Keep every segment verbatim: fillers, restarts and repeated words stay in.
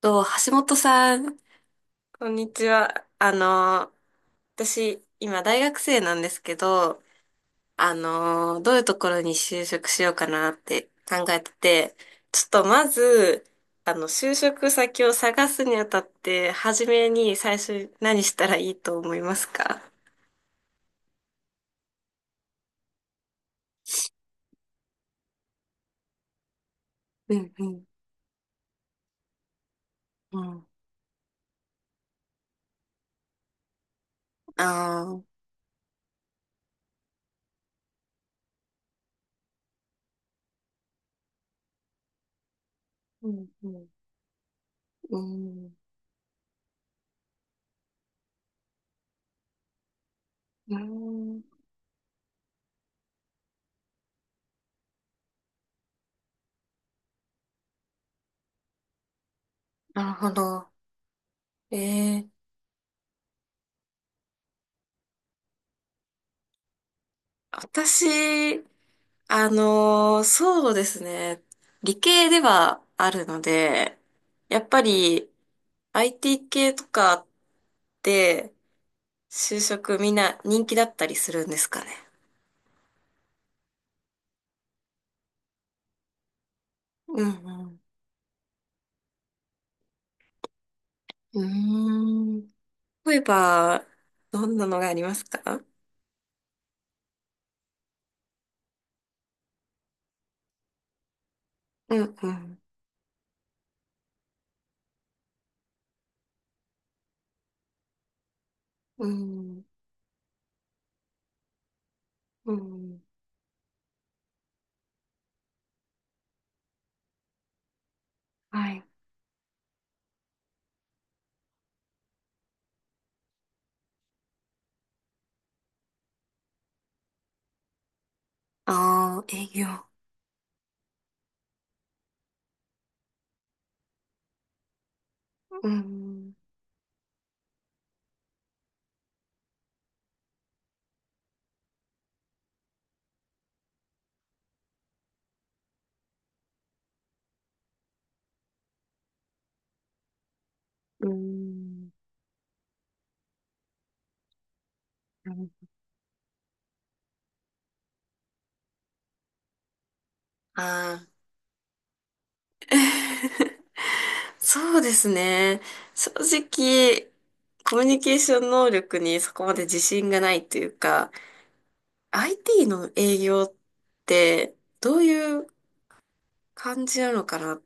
と、橋本さん、こんにちは。あの、私、今大学生なんですけど、あの、どういうところに就職しようかなって考えてて、ちょっとまず、あの、就職先を探すにあたって、初めに最初に何したらいいと思いますか？うんうんうん。ああ。うんうんうん、うん、なるほど。ええ、私あのーそうですね。理系ではあるので、やっぱり アイティー 系とかって就職みんな人気だったりするんですかね。うんうん。うーん。例えば、どんなのがありますか？うんうん。うん。うん。はい。ああ、営業。うん。うん。あ、そうですね。正直、コミュニケーション能力にそこまで自信がないというか、アイティー の営業ってどういう感じなのかなっ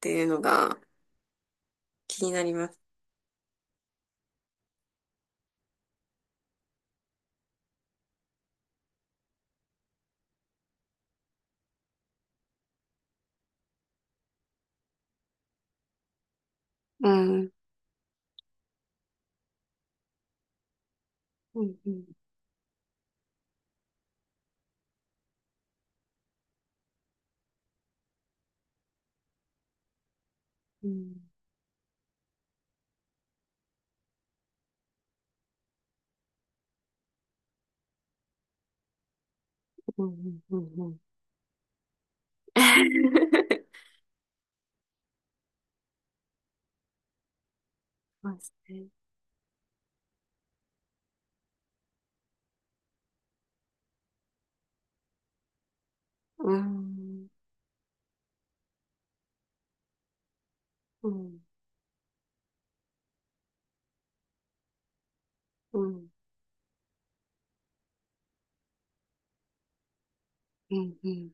ていうのが気になります。うん。うん。うん。うん。うん。うん。うん。 そうですね。うん。うん。うん。うん。うん。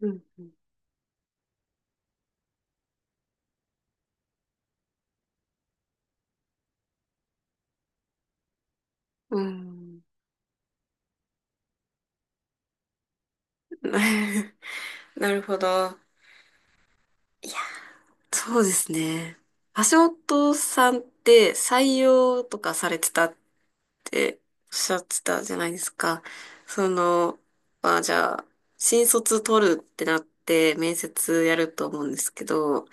うん。うん。なるほど。そうですね。橋本さんって採用とかされてたっておっしゃってたじゃないですか。その、まあじゃあ、新卒取るってなって面接やると思うんですけど、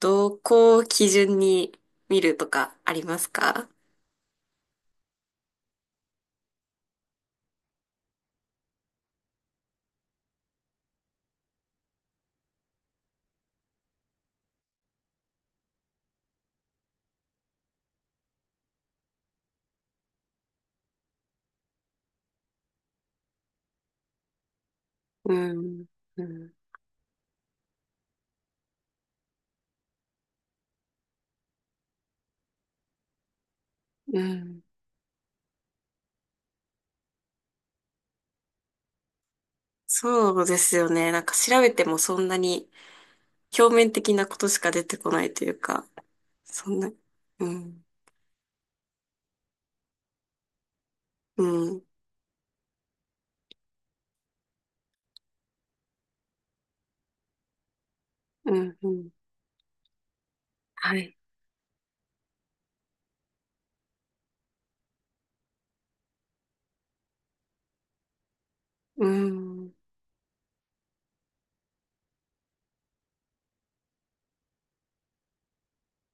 どこを基準に見るとかありますか？うん、うん、うん。そうですよね。なんか調べてもそんなに表面的なことしか出てこないというか、そんな、うん、うん。うんうん。はい。うん。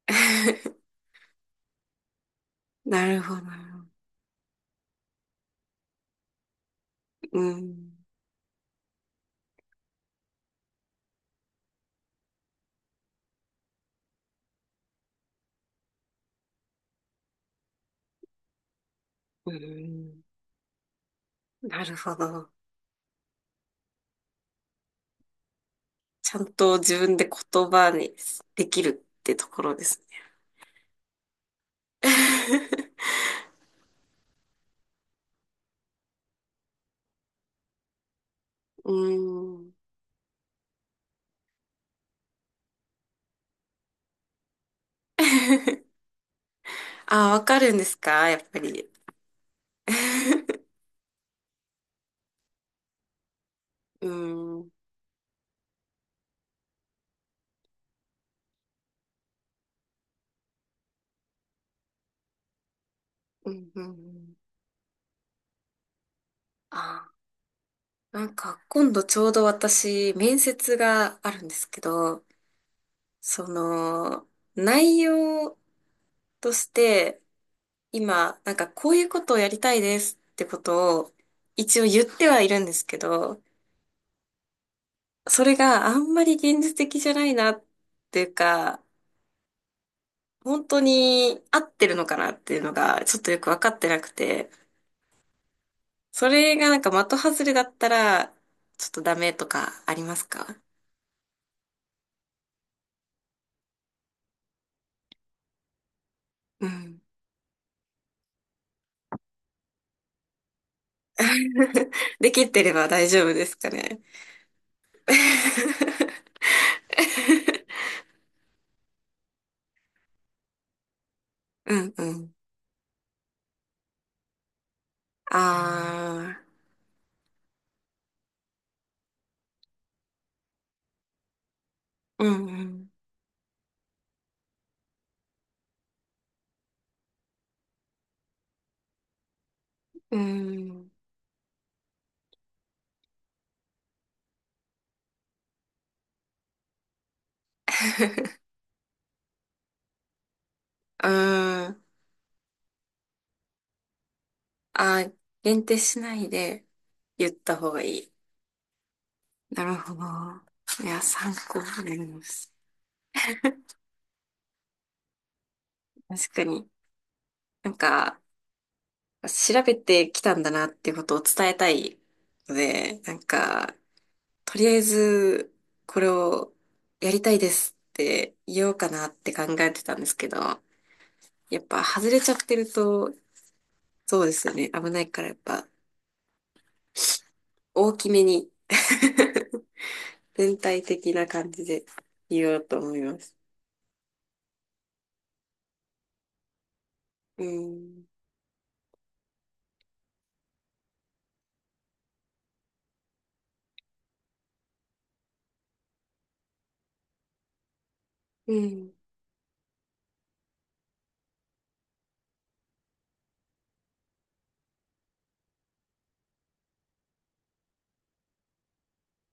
なるほど。うん。うん。なるほど。ちゃんと自分で言葉にできるってところですね。うん。あ、わかるんですかやっぱり。うん。うんうんうん。あ、なんか今度ちょうど私、面接があるんですけど、その、内容として、今、なんかこういうことをやりたいですってことを一応言ってはいるんですけど、それがあんまり現実的じゃないなっていうか、本当に合ってるのかなっていうのがちょっとよくわかってなくて、それがなんか的外れだったらちょっとダメとかありますか？うん。できてれば大丈夫ですかね。うんうん。ああ、うんうん。うん。うーん。あ、限定しないで言った方がいい。なるほど。いや、参考になります。確かに。なんか、調べてきたんだなっていうことを伝えたいので、なんか、とりあえず、これをやりたいですって言おうかなって考えてたんですけど、やっぱ外れちゃってると、そうですよね。危ないからやっぱ、大きめに 全体的な感じで言おうと思います。うん。うん。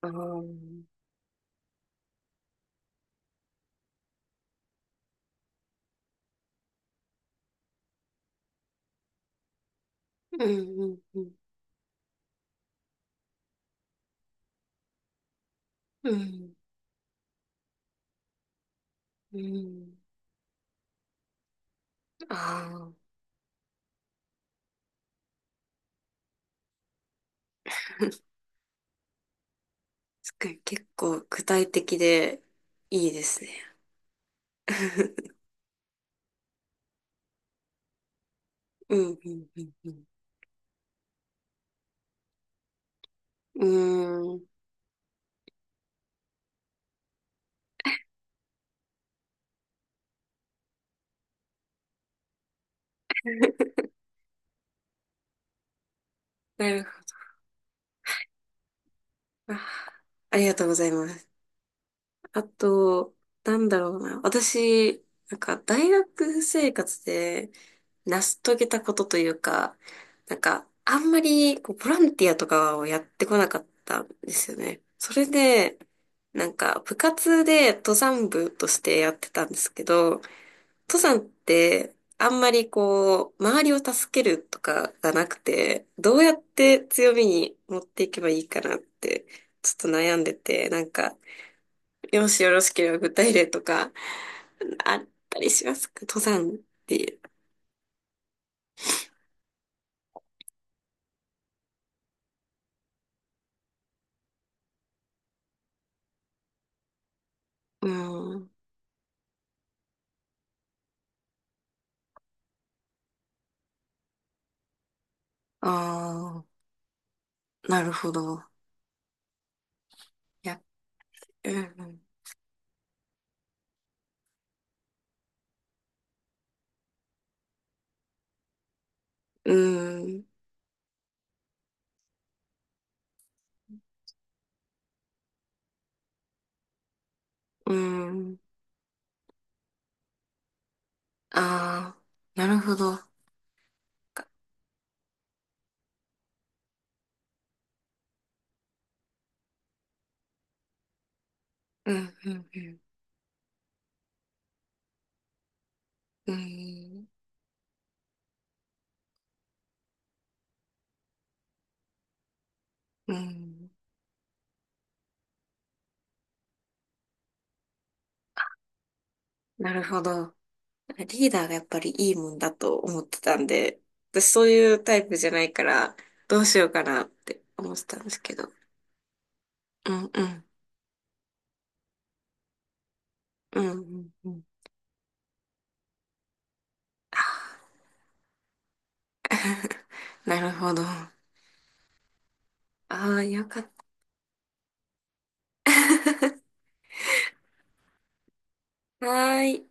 ああ。うんうんうん。うん。うん。ああ。すごい結構具体的でいいですね。うんうんうんうん。うーん。なるほど。あー、ありがとうございます。あと、なんだろうな。私、なんか大学生活で成し遂げたことというか、なんかあんまりこうボランティアとかをやってこなかったんですよね。それで、なんか部活で登山部としてやってたんですけど、登山ってあんまりこう、周りを助けるとかがなくて、どうやって強みに持っていけばいいかなって、ちょっと悩んでて、なんか、もしよろしければ具体例とか、あったりしますか登山っていう。うん。ああ、なるほど。いや、うん。うん。うん。ああ、なるほど。かうん、うん、うん。うん。うん。なるほど。リーダーがやっぱりいいもんだと思ってたんで、私そういうタイプじゃないから、どうしようかなって思ってたんですけど。うん、うん。うん、うん、うん。あー。 なるほど。ああ、よかった。はーい。